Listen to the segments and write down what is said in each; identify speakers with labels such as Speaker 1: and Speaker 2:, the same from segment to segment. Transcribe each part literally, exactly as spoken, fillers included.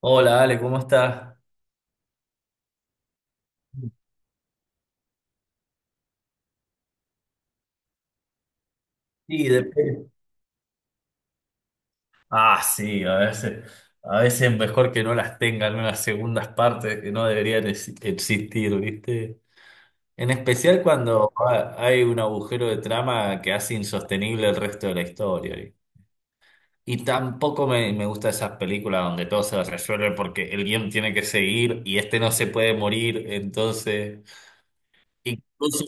Speaker 1: Hola, Ale, ¿cómo estás? Sí, depende. Ah, sí, a veces, a veces mejor que no las tengan unas segundas partes que no deberían ex- existir, ¿viste? En especial cuando ha- hay un agujero de trama que hace insostenible el resto de la historia. ¿Vi? Y tampoco me, me gusta esas películas donde todo se resuelve porque el guión tiene que seguir y este no se puede morir, entonces... Incluso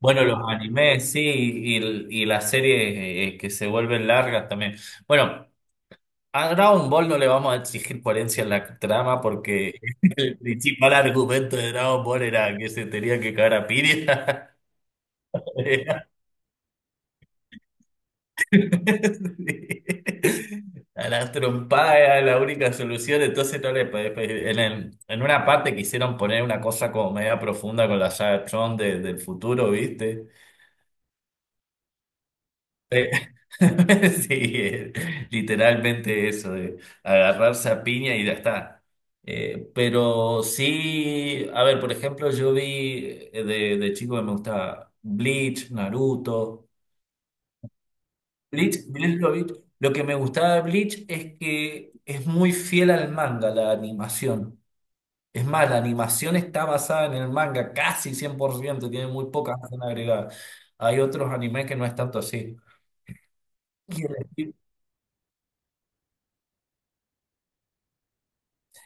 Speaker 1: bueno, los animes, sí, y, y las series eh, eh, que se vuelven largas también. Bueno, a Dragon Ball no le vamos a exigir coherencia en la trama porque el principal argumento de Dragon Ball era que se tenía que cagar a Piria. A las trompadas era la única solución, entonces no le podés pedir- en, el- en una parte quisieron poner una cosa como media profunda con la saga Tron de- del futuro, ¿viste? Sí, eh, literalmente eso, de agarrarse a piña y ya está. Eh, pero sí, a ver, por ejemplo, yo vi eh, de, de chico que me gustaba Bleach, Naruto. Bleach, Bleach lo vi. Lo que me gustaba de Bleach es que es muy fiel al manga, la animación. Es más, la animación está basada en el manga casi cien por ciento, tiene muy pocas escenas agregadas. Hay otros animes que no es tanto así. Y el,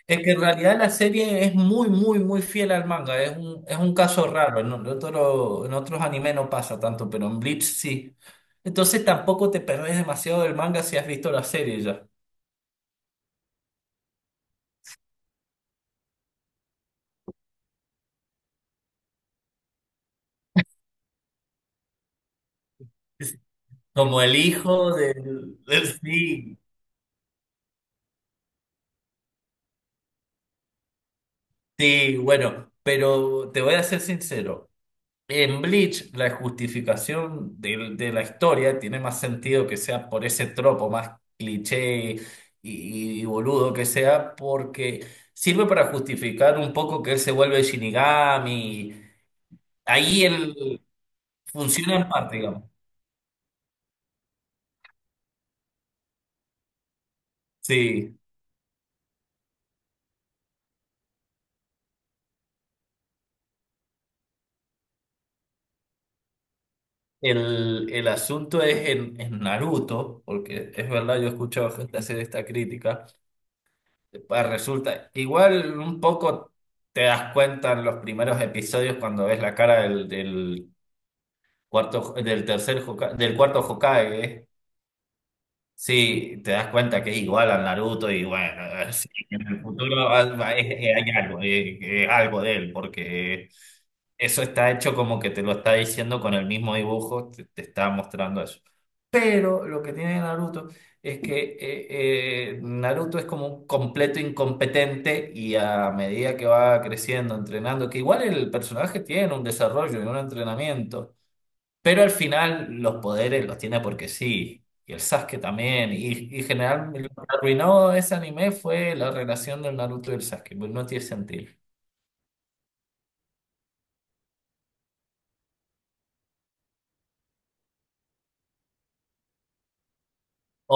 Speaker 1: Es que en realidad la serie es muy, muy, muy fiel al manga. Es un, es un caso raro, ¿no? En, otro- en otros animes no pasa tanto, pero en Bleach sí. Entonces tampoco te perdés demasiado del manga si has visto la serie ya. Es como el hijo del, del- sí, sí, bueno, pero te voy a ser sincero. En Bleach, la justificación del- de, la historia tiene más sentido que sea por ese tropo más cliché y, y boludo que sea, porque sirve para justificar un poco que él se vuelve Shinigami. Ahí él funciona en parte, digamos. Sí, el, el asunto es en, en Naruto, porque es verdad, yo he escuchado gente hacer esta crítica. Pues resulta, igual un poco te das cuenta en los primeros episodios cuando ves la cara del, del cuarto, del tercer Hokage- del cuarto Hokage. Sí, te das cuenta que es igual al Naruto y bueno, sí, en el futuro al- hay, hay algo, eh, eh, algo de él, porque eso está hecho como que te lo está diciendo con el mismo dibujo, te, te está mostrando eso. Pero lo que tiene Naruto es que eh, eh, Naruto es como un completo incompetente y a medida que va creciendo, entrenando, que igual el personaje tiene un desarrollo y un entrenamiento. Pero al final los poderes los tiene porque sí. Y el Sasuke también. Y, y general, lo que arruinó ese anime fue la relación del Naruto y el Sasuke. Pues no tiene sentido.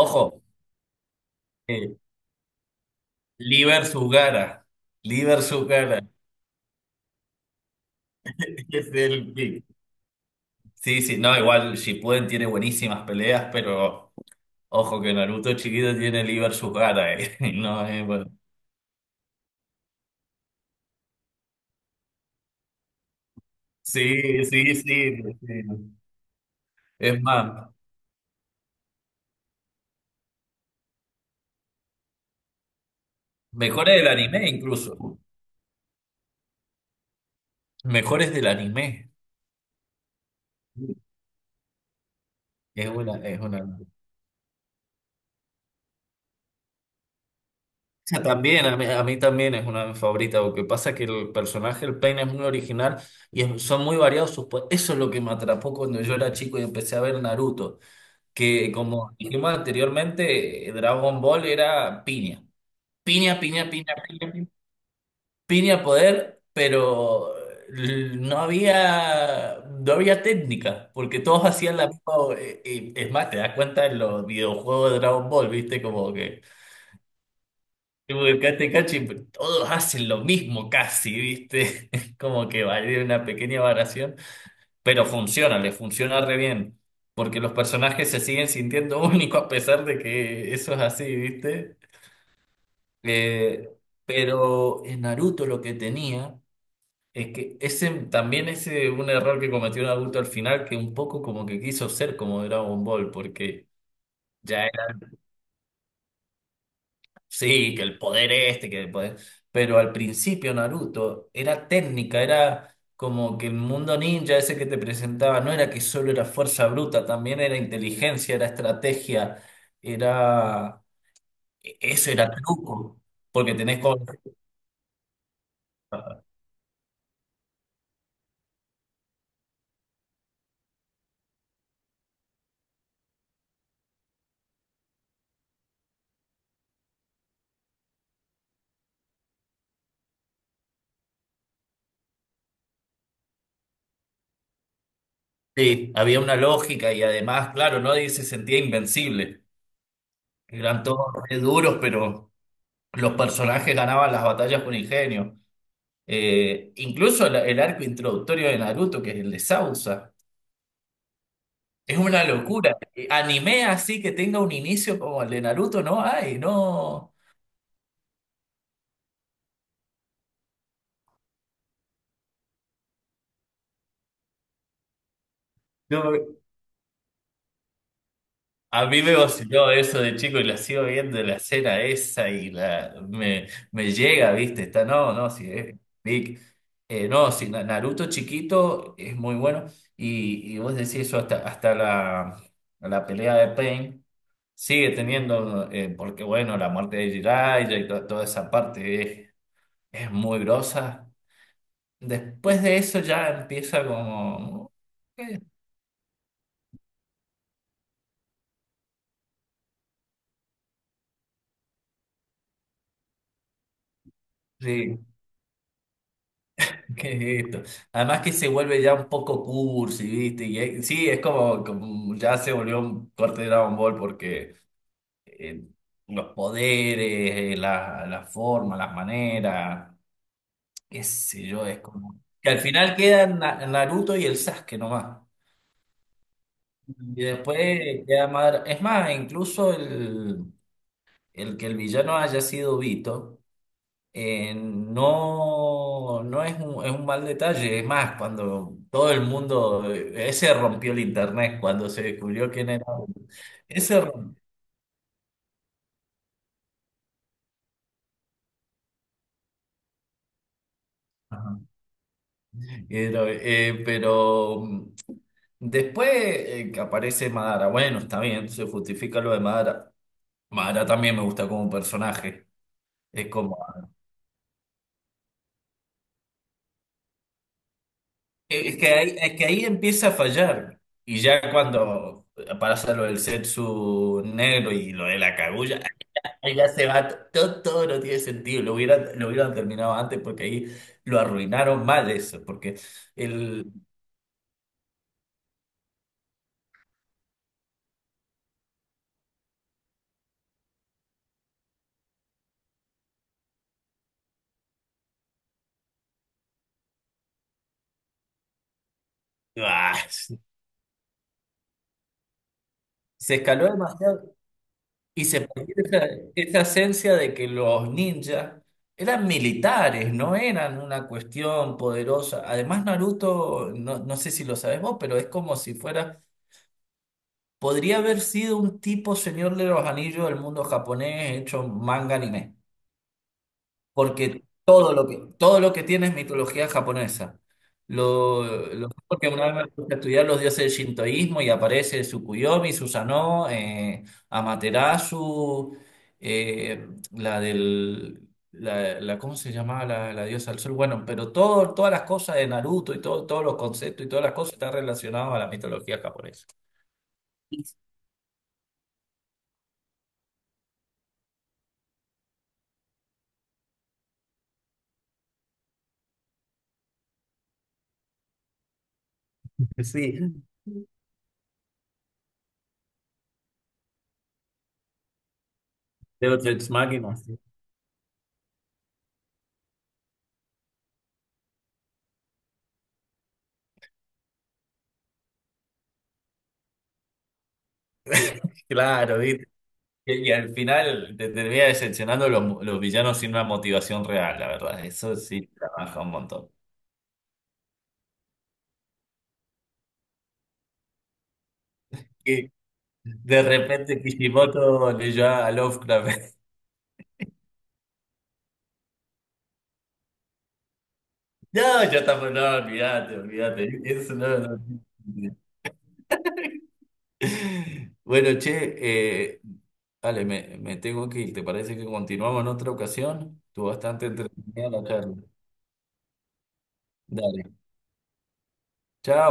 Speaker 1: Ojo, eh, Lee versus Gaara. Lee versus Gaara. Es el pick. Sí, sí, no, igual Shippuden tiene buenísimas peleas, pero ojo que Naruto chiquito tiene Lee versus Gaara. eh. No, eh, bueno. Sí, sí, sí, sí. Es más, mejores del anime incluso. Mejores del anime. Es una, es una. O sea, también, a mí, a mí también es una de mis favoritas. Lo que pasa es que el personaje, el Pain, es muy original y es- son muy variados sus. po- Eso es lo que me atrapó cuando yo era chico y empecé a ver Naruto. Que como dijimos anteriormente, eh, Dragon Ball era piña. Piña, piña, piña, piña, piña, piña poder, pero l- no había, no había técnica, porque todos hacían la misma. eh, eh, Es más, te das cuenta en los videojuegos de Dragon Ball, ¿viste? Como que. Tipo, el Cate Cachi, pues, todos hacen lo mismo casi, ¿viste? Es como que vale una pequeña variación, pero funciona, le funciona re bien, porque los personajes se siguen sintiendo únicos a pesar de que eso es así, ¿viste? Eh, pero en Naruto lo que tenía es que ese también ese un error que cometió Naruto al final, que un poco como que quiso ser como Dragon Ball, porque... Ya sí, que el poder este, que el poder... Pero al principio Naruto era técnica, era como que el mundo ninja ese que te presentaba no era que solo era fuerza bruta, también era inteligencia, era estrategia, era... e- Eso era truco, porque tenés con... Sí, había una lógica y además, claro, nadie se sentía invencible. Eran todos re duros, pero los personajes ganaban las batallas con ingenio. Eh, incluso el, el arco introductorio de Naruto, que es el de Sausa. Es una locura. Eh, Anime así que tenga un inicio como el de Naruto, no hay, no. No, a mí me vaciló eso de chico y la sigo viendo la escena esa y la me, me llega, ¿viste? Está, no, no, sí, es big. Eh, no, sí, Na- Naruto chiquito es muy bueno. Y, y vos decís eso hasta, hasta la, la pelea de Pain sigue teniendo, eh, porque bueno, la muerte de Jiraiya y to- toda esa parte es, es muy grosa. Después de eso ya empieza como... "Eh, sí, ¿qué es esto? Además que se vuelve ya un poco cursi, ¿viste? Y es- sí, es como, como ya se volvió un corte de Dragon Ball porque eh, los poderes, eh, la, la forma, las maneras, qué sé yo, es como... Que al final quedan Na- Naruto y el Sasuke nomás. Y después queda Madara. Es más, incluso el, el que el villano haya sido Vito. eh, no, no es un, es un mal detalle. Es más, cuando todo el mundo, eh, ese rompió el internet cuando se descubrió quién era. Ese rompió. Ajá. Pero, eh, pero, mm, después eh, que aparece Madara, bueno, está bien, se justifica lo de Madara. Madara también me gusta como personaje. Es como, eh, es que ahí, es que ahí empieza a fallar. Y ya cuando para hacer lo del Zetsu negro y lo de la Kaguya, oiga, se va, todo, todo no tiene sentido, lo hubieran, lo hubieran terminado antes porque ahí lo arruinaron mal eso, porque el, ah, se escaló demasiado y se perdió esa, esa esencia de que los ninjas eran militares, no eran una cuestión poderosa. Además, Naruto, no, no sé si lo sabes vos, pero es como si fuera, podría haber sido un tipo Señor de los Anillos del mundo japonés hecho manga anime. Porque todo lo que, todo lo que tiene es mitología japonesa. Lo, lo porque una vez me puse a estudiar los dioses del shintoísmo y aparece Tsukuyomi, Susanoo, eh, Amaterasu, eh, la del... La, la- ¿cómo se llamaba la, la diosa del sol? Bueno, pero todo, todas las cosas de Naruto y todo, todos los conceptos y todas las cosas están relacionados a la mitología japonesa. Sí, de Ex máquinas. Claro, Y, y al final te termina decepcionando los, mu- los villanos sin una motivación real, la verdad. Eso sí trabaja un montón. Y de repente Kishimoto leyó a Lovecraft. No, ya estamos, no, olvídate, olvídate. Eso no, no. Bueno, che, eh, Ale, me, me tengo que ir. ¿Te parece que continuamos en otra ocasión? Estuvo bastante entretenida la charla. Dale. Chao.